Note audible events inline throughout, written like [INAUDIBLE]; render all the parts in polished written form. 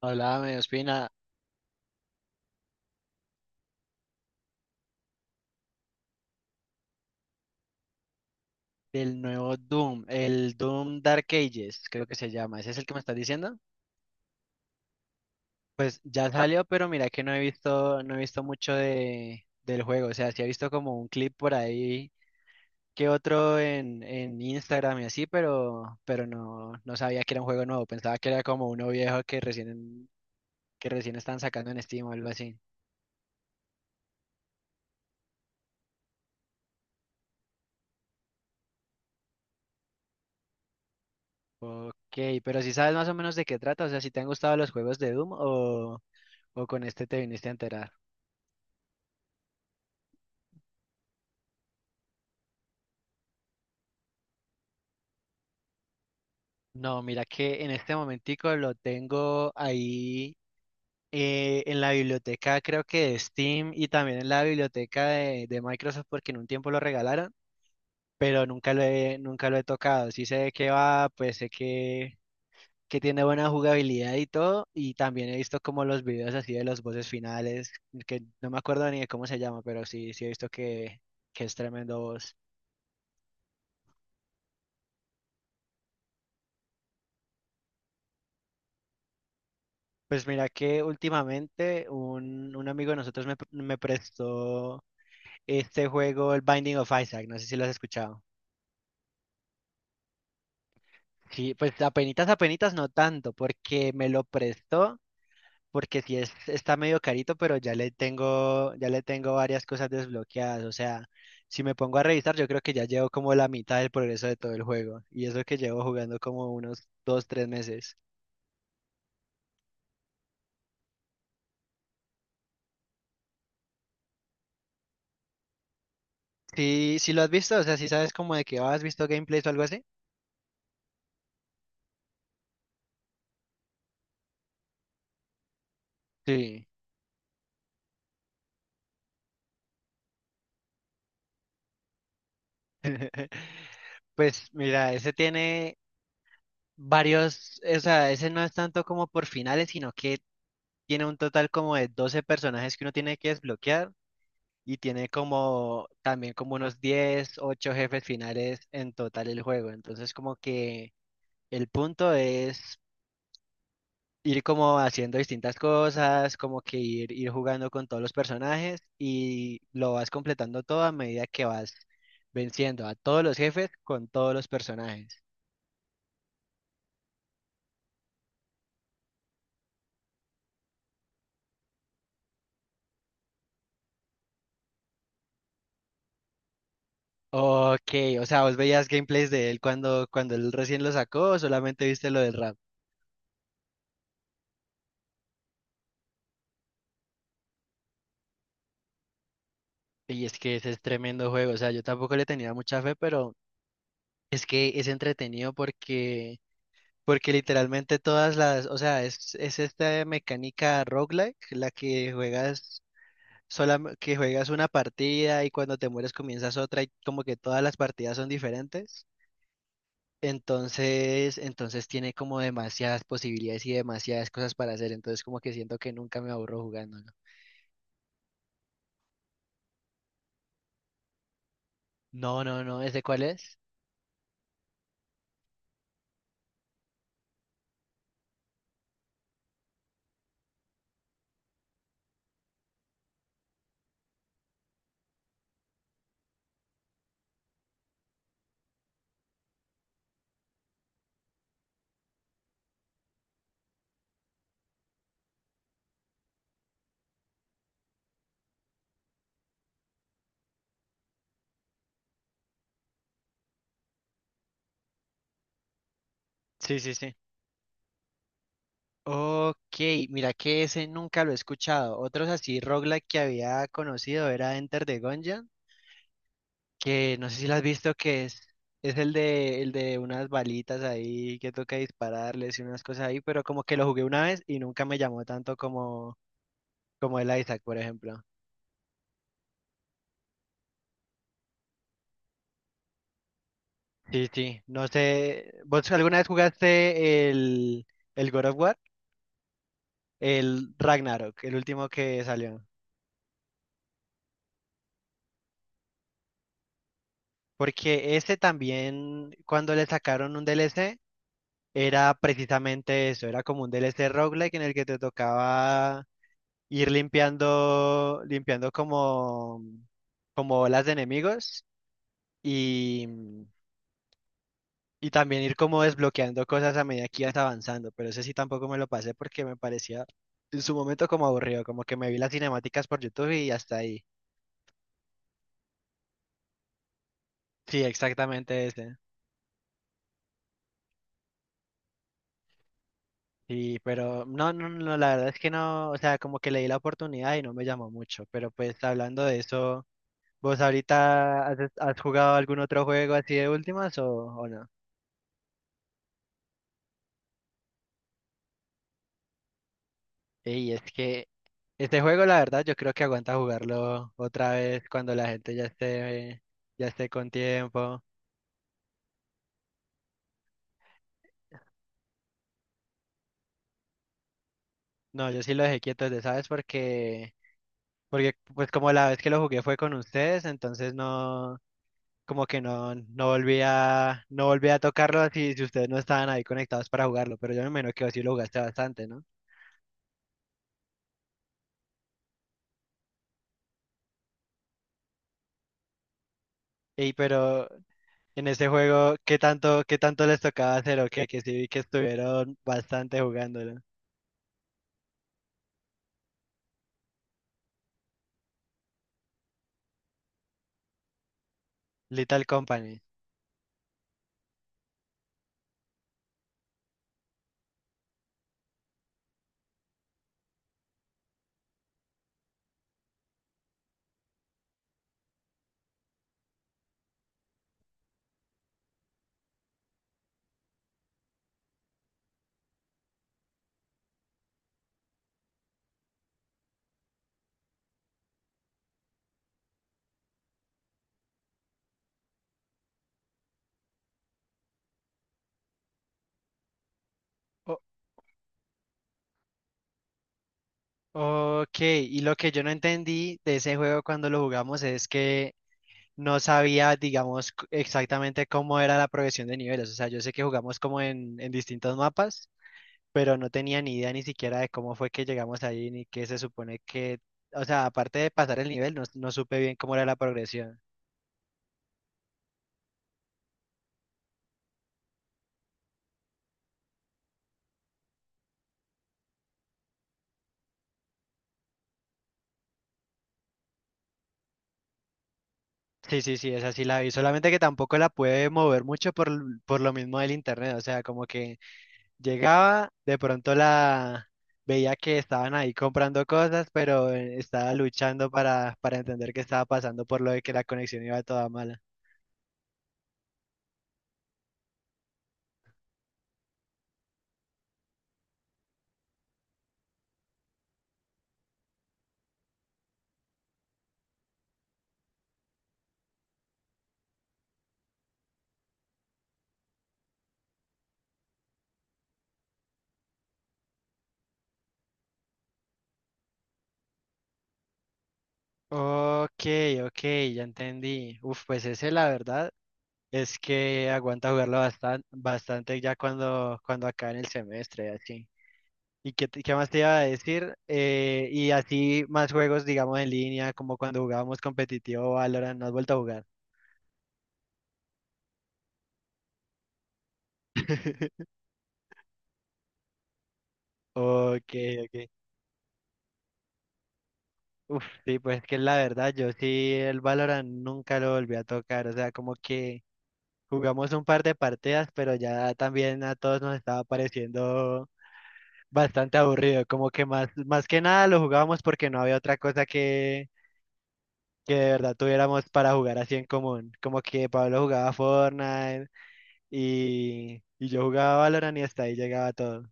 Hablábame, Ospina, del nuevo Doom, el Doom Dark Ages, creo que se llama. ¿Ese es el que me estás diciendo? Pues ya salió, pero mira que no he visto, no he visto mucho del juego. O sea, sí he visto como un clip por ahí que otro en Instagram y así, pero, pero no sabía que era un juego nuevo. Pensaba que era como uno viejo que recién están sacando en Steam o algo así. Ok, pero si sabes más o menos de qué trata, o sea, si te han gustado los juegos de Doom o con este te viniste a enterar. No, mira que en este momentico lo tengo ahí en la biblioteca creo que de Steam y también en la biblioteca de Microsoft porque en un tiempo lo regalaron, pero nunca lo he tocado. Sí sé de qué va, pues sé que tiene buena jugabilidad y todo, y también he visto como los videos así de los voces finales, que no me acuerdo ni de cómo se llama, pero sí, sí he visto que es tremendo voz. Pues mira que últimamente un amigo de nosotros me prestó este juego, el Binding of Isaac, no sé si lo has escuchado. Sí, pues apenitas, apenitas no tanto, porque me lo prestó, porque sí es, está medio carito, pero ya le tengo varias cosas desbloqueadas. O sea, si me pongo a revisar, yo creo que ya llevo como la mitad del progreso de todo el juego. Y eso que llevo jugando como unos dos, tres meses. Sí, sí lo has visto, o sea, si sabes como de que has visto gameplays o algo así. Sí. [LAUGHS] Pues mira, ese tiene varios, o sea, ese no es tanto como por finales, sino que tiene un total como de 12 personajes que uno tiene que desbloquear y tiene como también como unos 10, 8 jefes finales en total el juego. Entonces como que el punto es ir como haciendo distintas cosas, como que ir, ir jugando con todos los personajes y lo vas completando todo a medida que vas venciendo a todos los jefes con todos los personajes. Ok, o sea, vos veías gameplays de él cuando, cuando él recién lo sacó, o solamente viste lo del rap. Y es que ese es tremendo juego, o sea, yo tampoco le tenía mucha fe, pero es que es entretenido porque, porque literalmente todas las, o sea, es esta mecánica roguelike, la que juegas sola, que juegas una partida y cuando te mueres comienzas otra y como que todas las partidas son diferentes. Entonces, entonces tiene como demasiadas posibilidades y demasiadas cosas para hacer, entonces como que siento que nunca me aburro jugándolo. No, no, no, ¿ese cuál es? Sí, sí, sí. Ok, mira que ese nunca lo he escuchado. Otros así roguelike que había conocido era Enter the Gungeon, que no sé si lo has visto que es el de unas balitas ahí que toca dispararles y unas cosas ahí, pero como que lo jugué una vez y nunca me llamó tanto como el Isaac, por ejemplo. Sí, sí, no sé, ¿vos alguna vez jugaste el God of War? El Ragnarok, el último que salió. Porque ese también, cuando le sacaron un DLC, era precisamente eso, era como un DLC roguelike en el que te tocaba ir limpiando, limpiando como, como olas de enemigos y, Y también ir como desbloqueando cosas a medida que ibas avanzando, pero ese sí tampoco me lo pasé porque me parecía en su momento como aburrido, como que me vi las cinemáticas por YouTube y hasta ahí. Sí, exactamente ese. Sí, pero no, no, no, la verdad es que no, o sea, como que le di la oportunidad y no me llamó mucho, pero pues hablando de eso, ¿vos ahorita has, has jugado algún otro juego así de últimas o no? Y es que este juego la verdad yo creo que aguanta jugarlo otra vez cuando la gente ya esté con tiempo. No, yo sí lo dejé quieto desde, ¿sabes? Porque, porque pues como la vez que lo jugué fue con ustedes, entonces no, como que no, no volví a tocarlo si, si ustedes no estaban ahí conectados para jugarlo, pero yo me imagino que vos sí lo jugaste bastante, ¿no? Y pero en ese juego, qué tanto les tocaba hacer o qué? Que sí vi que estuvieron bastante jugándolo. Little Company. O- ok, y lo que yo no entendí de ese juego cuando lo jugamos es que no sabía, digamos, c- exactamente cómo era la progresión de niveles. O sea, yo sé que jugamos como en distintos mapas, pero no tenía ni idea ni siquiera de cómo fue que llegamos ahí, ni qué se supone que, o sea, aparte de pasar el nivel, no, no supe bien cómo era la progresión. Sí, sí, sí, esa sí la vi, solamente que tampoco la pude mover mucho por, l- por lo mismo del internet, o sea, como que llegaba, de pronto la veía que estaban ahí comprando cosas, pero estaba luchando para entender qué estaba pasando por lo de que la conexión iba toda mala. Ok, ok, ya entendí. Uf, pues ese la verdad es que aguanta jugarlo bastante, bastante ya cuando, cuando acabe el semestre, así. ¿Y qué, te- qué más te iba a decir? Y así más juegos, digamos, en línea, como cuando jugábamos competitivo Valorant, ¿no has vuelto a jugar? [LAUGHS] Ok, ok. Uf, sí, pues que la verdad, yo sí el Valorant nunca lo volví a tocar, o sea, como que jugamos un par de partidas, pero ya también a todos nos estaba pareciendo bastante aburrido, como que más, más que nada lo jugábamos porque no había otra cosa que de verdad tuviéramos para jugar así en común. Como que Pablo jugaba Fortnite y yo jugaba Valorant y hasta ahí llegaba todo.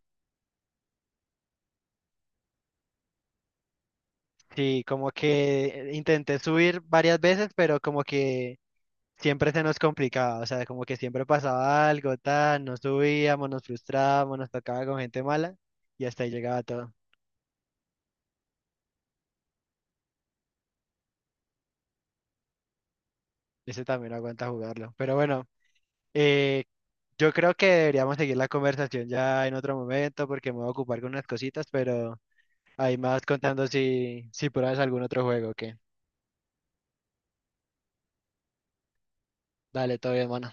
Sí, como que intenté subir varias veces, pero como que siempre se nos complicaba, o sea, como que siempre pasaba algo, tal, no subíamos, nos frustrábamos, nos tocaba con gente mala y hasta ahí llegaba todo. Ese también no aguanta jugarlo. Pero bueno, eh, yo creo que deberíamos seguir la conversación ya en otro momento porque me voy a ocupar con unas cositas, pero ahí me vas contando si, si pruebas algún otro juego, que Dale, todo bien, mano.